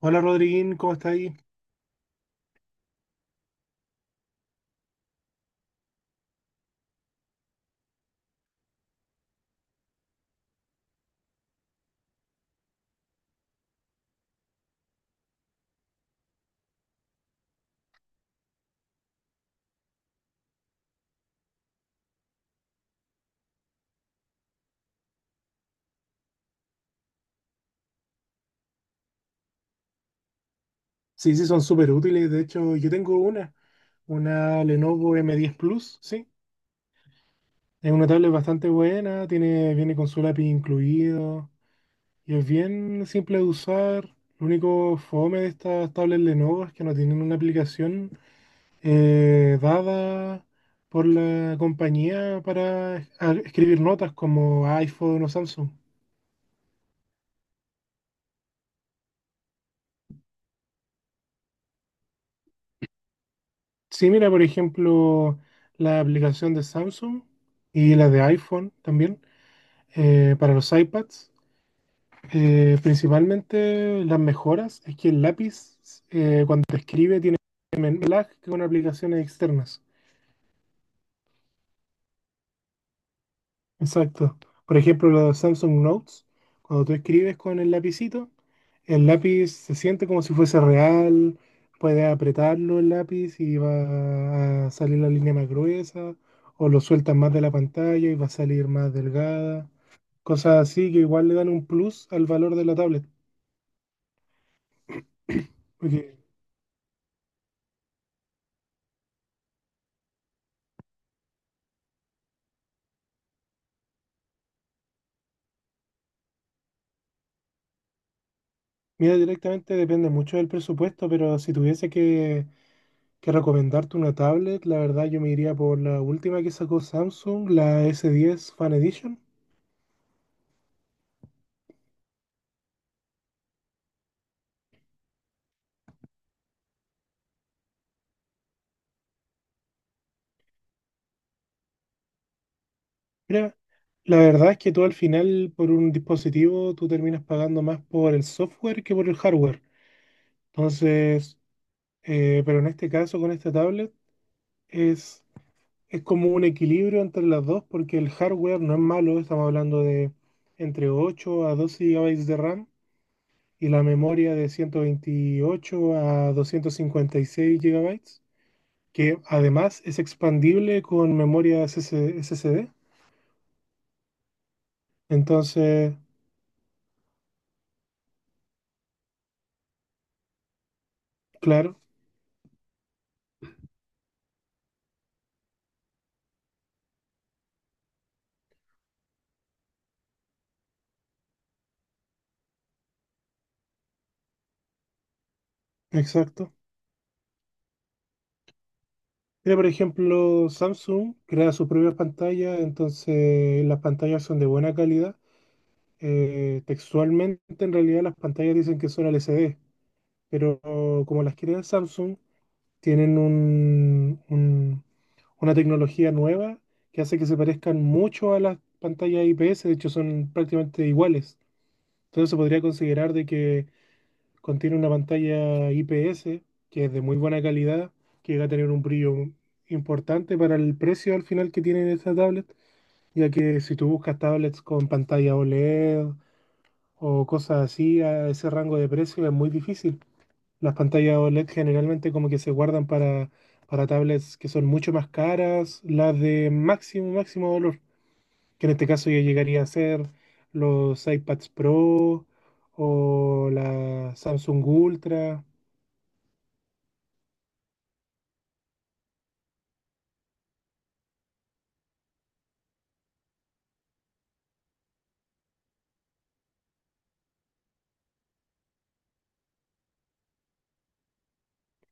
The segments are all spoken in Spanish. Hola Rodriguín, ¿cómo está ahí? Sí, sí, son súper útiles. De hecho, yo tengo una Lenovo M10 Plus, sí. Es una tablet bastante buena, tiene, viene con su lápiz incluido y es bien simple de usar. Lo único fome de estas tablets Lenovo es que no tienen una aplicación dada por la compañía para escribir notas como iPhone o Samsung. Sí, mira, por ejemplo, la aplicación de Samsung y la de iPhone también para los iPads. Principalmente las mejoras es que el lápiz cuando escribe tiene menos lag que con aplicaciones externas. Exacto. Por ejemplo, los Samsung Notes, cuando tú escribes con el lapicito, el lápiz se siente como si fuese real, puedes apretarlo el lápiz y va a salir la línea más gruesa, o lo sueltas más de la pantalla y va a salir más delgada. Cosas así que igual le dan un plus al valor de la tablet. Porque, mira, directamente depende mucho del presupuesto, pero si tuviese que recomendarte una tablet, la verdad yo me iría por la última que sacó Samsung, la S10 Fan Edition. Mira, la verdad es que tú al final por un dispositivo tú terminas pagando más por el software que por el hardware. Entonces, pero en este caso con esta tablet es, es como un equilibrio entre las dos porque el hardware no es malo, estamos hablando de entre 8 a 12 gigabytes de RAM y la memoria de 128 a 256 gigabytes que además es expandible con memoria S S SSD. Entonces, claro, exacto. Mira, por ejemplo, Samsung crea sus propias pantallas, entonces las pantallas son de buena calidad. Textualmente, en realidad, las pantallas dicen que son LCD, pero como las crea Samsung, tienen una tecnología nueva que hace que se parezcan mucho a las pantallas IPS, de hecho son prácticamente iguales. Entonces se podría considerar de que contiene una pantalla IPS que es de muy buena calidad, que llega a tener un brillo importante para el precio al final que tiene esta tablet, ya que si tú buscas tablets con pantalla OLED o cosas así a ese rango de precio es muy difícil. Las pantallas OLED generalmente como que se guardan para tablets que son mucho más caras, las de máximo, máximo valor, que en este caso ya llegaría a ser los iPads Pro o la Samsung Ultra.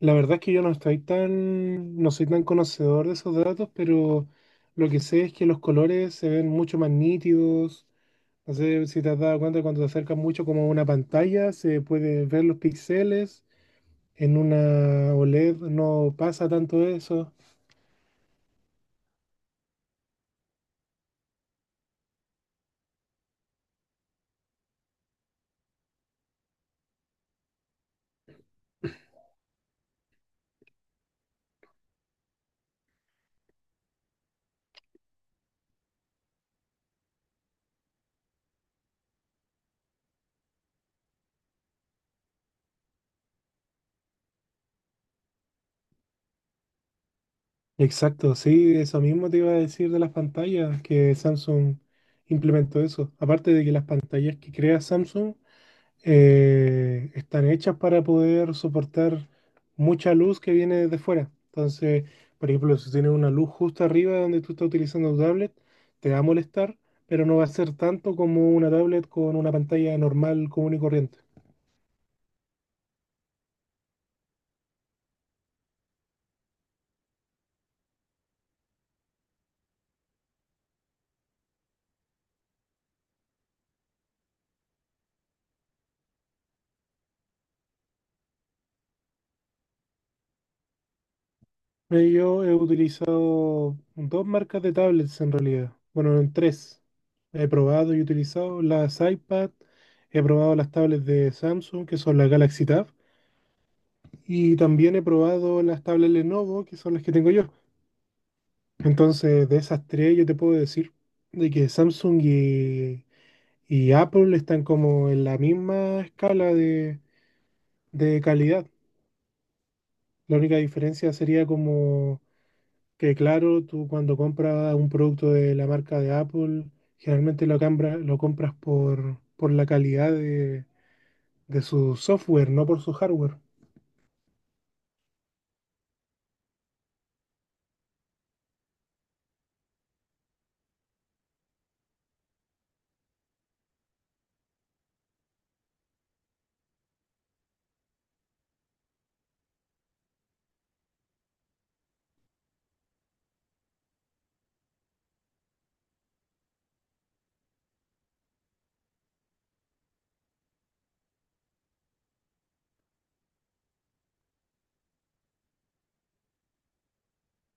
La verdad es que yo no estoy tan, no soy tan conocedor de esos datos, pero lo que sé es que los colores se ven mucho más nítidos. No sé si te has dado cuenta cuando te acercas mucho como a una pantalla, se puede ver los píxeles. En una OLED no pasa tanto eso. Exacto, sí, eso mismo te iba a decir de las pantallas, que Samsung implementó eso. Aparte de que las pantallas que crea Samsung están hechas para poder soportar mucha luz que viene desde fuera. Entonces, por ejemplo, si tienes una luz justo arriba de donde tú estás utilizando tu tablet, te va a molestar, pero no va a ser tanto como una tablet con una pantalla normal, común y corriente. Yo he utilizado dos marcas de tablets en realidad. Bueno, en tres. He probado y utilizado las iPad, he probado las tablets de Samsung, que son la Galaxy Tab. Y también he probado las tablas Lenovo, que son las que tengo yo. Entonces, de esas tres, yo te puedo decir de que Samsung y Apple están como en la misma escala de calidad. La única diferencia sería como que, claro, tú cuando compras un producto de la marca de Apple, generalmente lo compras por la calidad de su software, no por su hardware.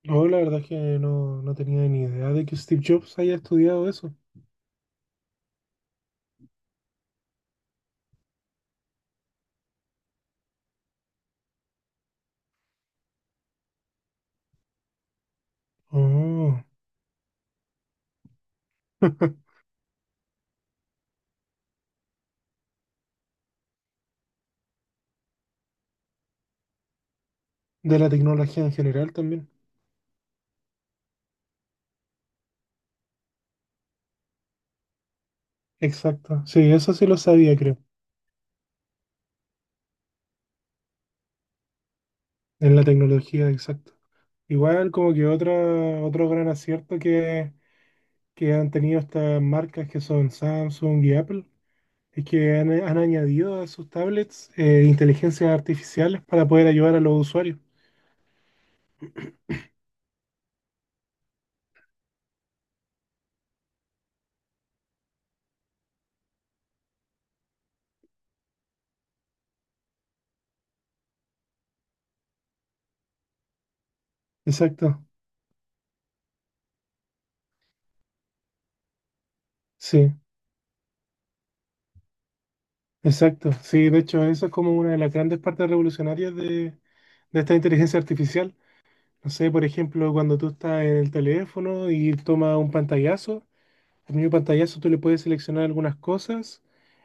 No, la verdad es que no tenía ni idea de que Steve Jobs haya estudiado eso. Oh, de la tecnología en general también. Exacto. Sí, eso sí lo sabía, creo. En la tecnología, exacto. Igual como que otro gran acierto que han tenido estas marcas que son Samsung y Apple es que han añadido a sus tablets inteligencias artificiales para poder ayudar a los usuarios. Exacto. Sí, exacto. Sí, de hecho, eso es como una de las grandes partes revolucionarias de esta inteligencia artificial. No sé, por ejemplo, cuando tú estás en el teléfono y tomas un pantallazo, al mismo pantallazo tú le puedes seleccionar algunas cosas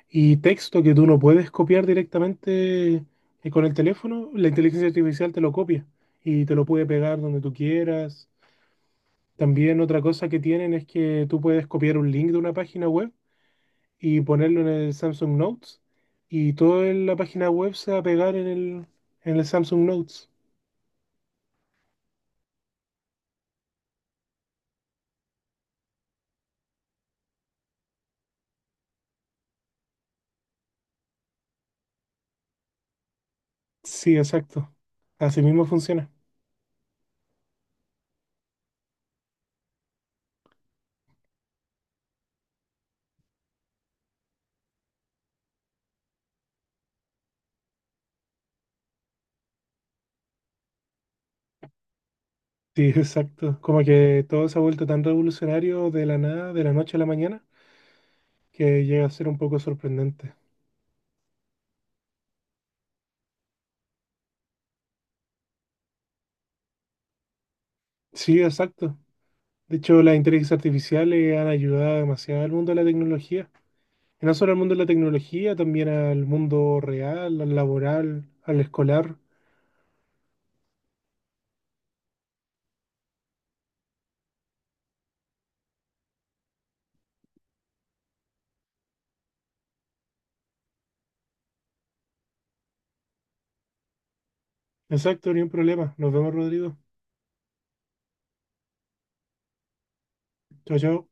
y texto que tú no puedes copiar directamente con el teléfono, la inteligencia artificial te lo copia y te lo puede pegar donde tú quieras. También otra cosa que tienen es que tú puedes copiar un link de una página web y ponerlo en el Samsung Notes y toda la página web se va a pegar en el Samsung Notes. Sí, exacto. Así mismo funciona. Sí, exacto. Como que todo se ha vuelto tan revolucionario de la nada, de la noche a la mañana, que llega a ser un poco sorprendente. Sí, exacto. De hecho, las inteligencias artificiales han ayudado demasiado al mundo de la tecnología. Y no solo al mundo de la tecnología, también al mundo real, al laboral, al escolar. Exacto, ni un problema. Nos vemos, Rodrigo. Chao, chao.